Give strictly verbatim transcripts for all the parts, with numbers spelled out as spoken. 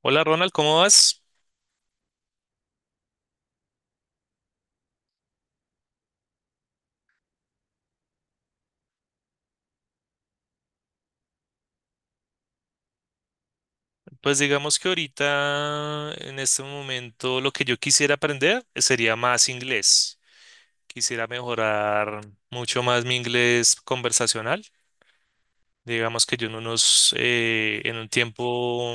Hola Ronald, ¿cómo vas? Pues digamos que ahorita, en este momento, lo que yo quisiera aprender sería más inglés. Quisiera mejorar mucho más mi inglés conversacional. Digamos que yo en unos, eh, en un tiempo,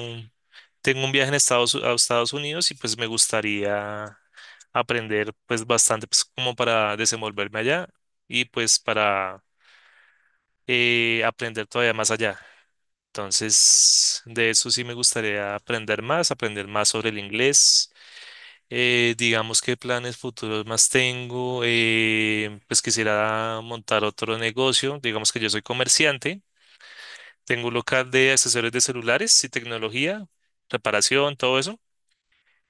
tengo un viaje en Estados, a Estados Unidos y pues me gustaría aprender pues bastante pues como para desenvolverme allá y pues para eh, aprender todavía más allá. Entonces, de eso sí me gustaría aprender más, aprender más sobre el inglés. Eh, digamos qué planes futuros más tengo. Eh, pues quisiera montar otro negocio. Digamos que yo soy comerciante. Tengo un local de accesorios de celulares y tecnología, reparación, todo eso.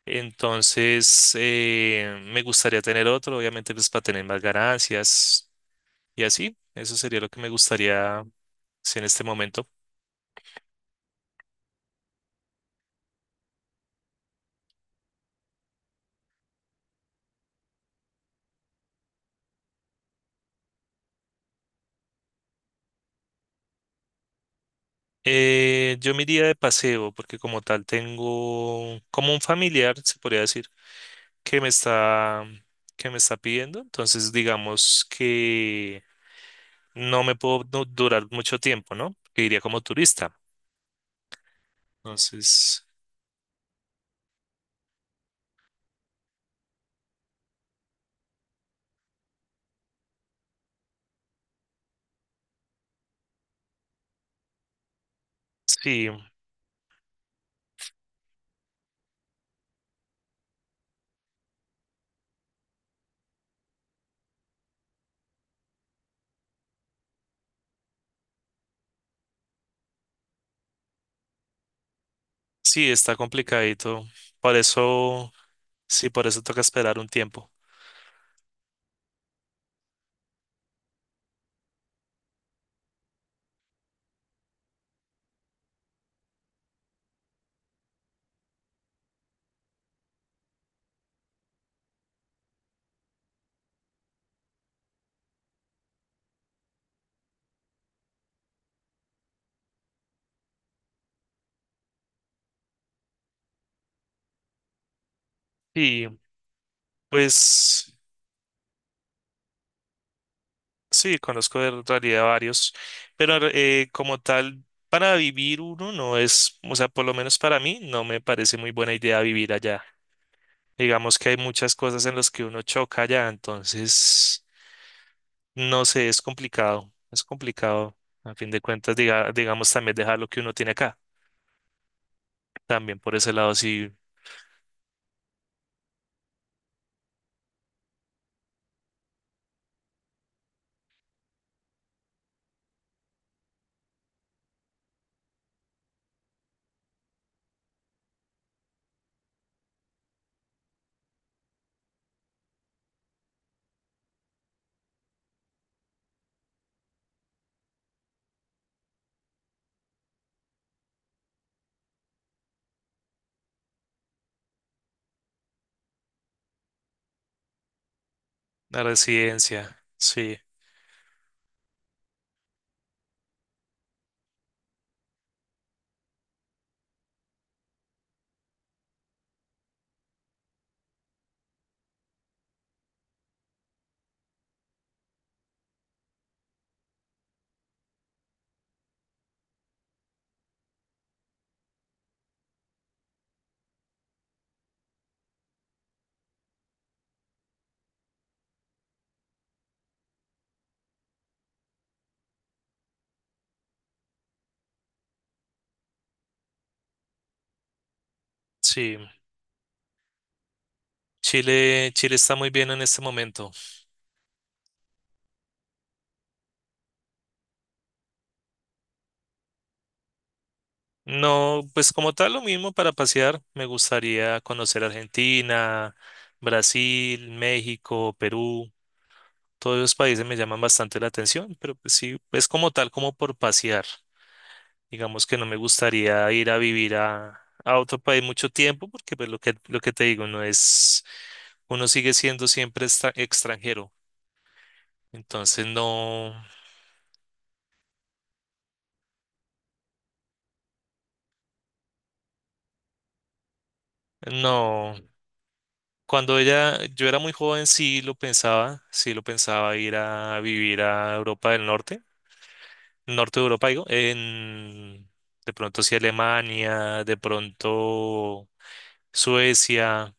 Entonces, eh, me gustaría tener otro, obviamente, pues para tener más ganancias y así. Eso sería lo que me gustaría, si en este momento. Eh, yo me iría de paseo porque como tal tengo como un familiar, se podría decir, que me está, que me está pidiendo. Entonces digamos que no me puedo no durar mucho tiempo, ¿no? Que iría como turista. Entonces, sí, sí, está complicadito. Por eso, sí, por eso toca esperar un tiempo. Y pues... Sí, conozco en realidad varios, pero eh, como tal, para vivir uno no es, o sea, por lo menos para mí no me parece muy buena idea vivir allá. Digamos que hay muchas cosas en las que uno choca allá, entonces, no sé, es complicado, es complicado. A fin de cuentas, diga- digamos también dejar lo que uno tiene acá, también por ese lado, sí, la residencia, sí, sí. Chile, Chile está muy bien en este momento. No, pues como tal lo mismo para pasear. Me gustaría conocer Argentina, Brasil, México, Perú. Todos esos países me llaman bastante la atención, pero pues sí, es como tal como por pasear. Digamos que no me gustaría ir a vivir a, a otro país mucho tiempo porque pues lo que, lo que te digo, no es, uno sigue siendo siempre extra- extranjero. Entonces no, no. Cuando ella, yo era muy joven, sí lo pensaba, sí lo pensaba ir a vivir a Europa del Norte, norte de Europa, digo, en, de pronto sí Alemania, de pronto Suecia,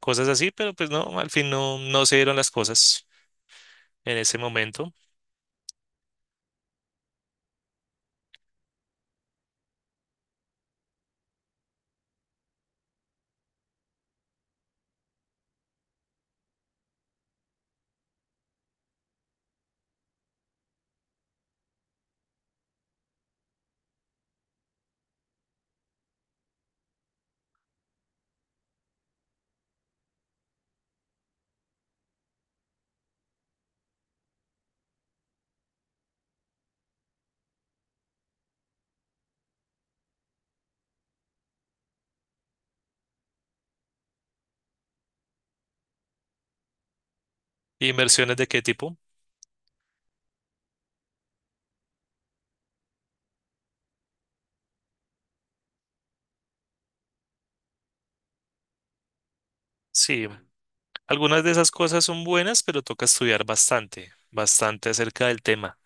cosas así, pero pues no, al fin no, no se dieron las cosas en ese momento. ¿Inversiones de qué tipo? Sí. Algunas de esas cosas son buenas, pero toca estudiar bastante, bastante acerca del tema.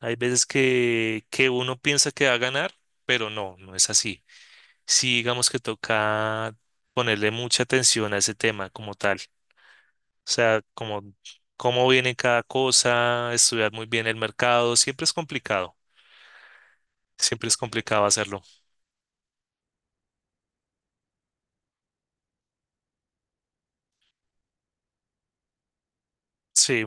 Hay veces que, que uno piensa que va a ganar, pero no, no es así. Sí, digamos que toca ponerle mucha atención a ese tema como tal. O sea, como cómo viene cada cosa, estudiar muy bien el mercado, siempre es complicado, siempre es complicado hacerlo. Sí,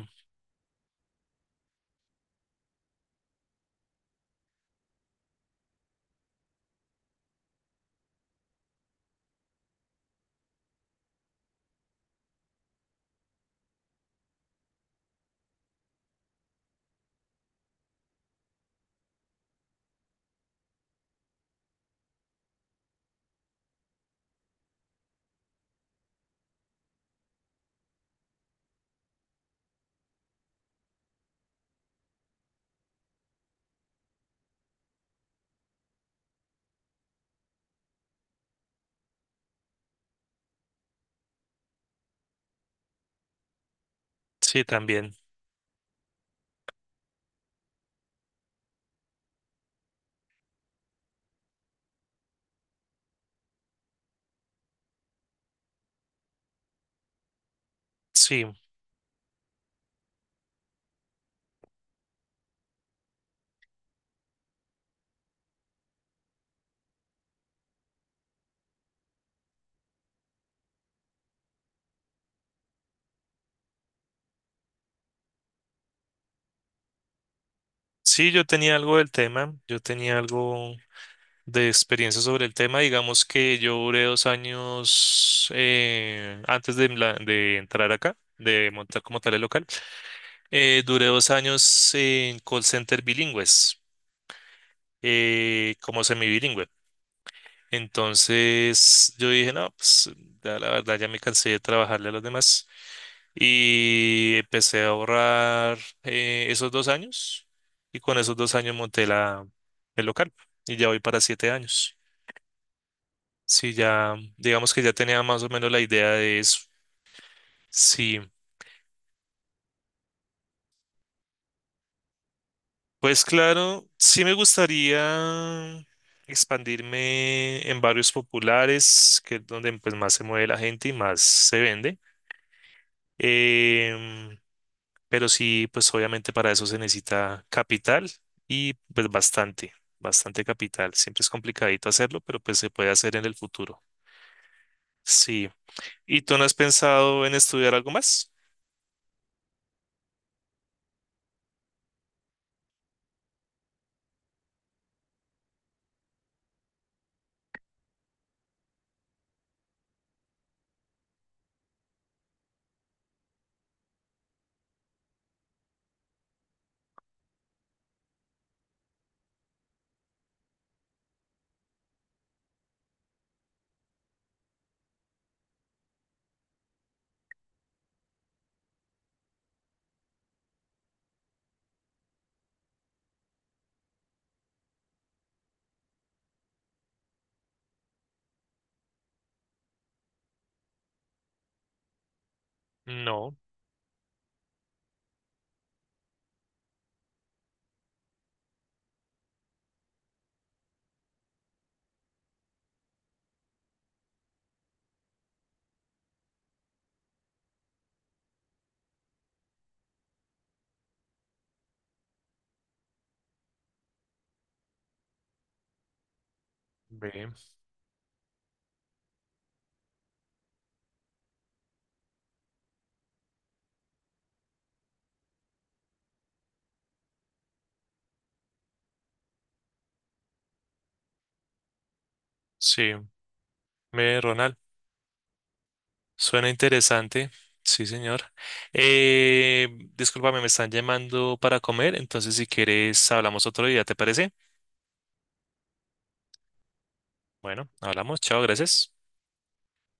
sí, también. Sí, sí, yo tenía algo del tema, yo tenía algo de experiencia sobre el tema. Digamos que yo duré dos años eh, antes de, la- de entrar acá, de montar como tal el local. Eh, duré dos años en call center bilingües, eh, como semibilingüe. Entonces yo dije, no, pues ya la verdad ya me cansé de trabajarle a los demás y empecé a ahorrar eh, esos dos años y con esos dos años monté la, el local y ya voy para siete años. Sí, ya, digamos que ya tenía más o menos la idea de eso. Sí, pues claro, sí me gustaría expandirme en barrios populares, que es donde pues más se mueve la gente y más se vende. Em, pero sí, pues obviamente para eso se necesita capital y pues bastante, bastante capital. Siempre es complicadito hacerlo, pero pues se puede hacer en el futuro. Sí. ¿Y tú no has pensado en estudiar algo más? No, ve, sí. Ve, Ronald, suena interesante. Sí, señor. Eh, Discúlpame, me están llamando para comer, entonces si quieres hablamos otro día, ¿te parece? Bueno, hablamos. Chao, gracias.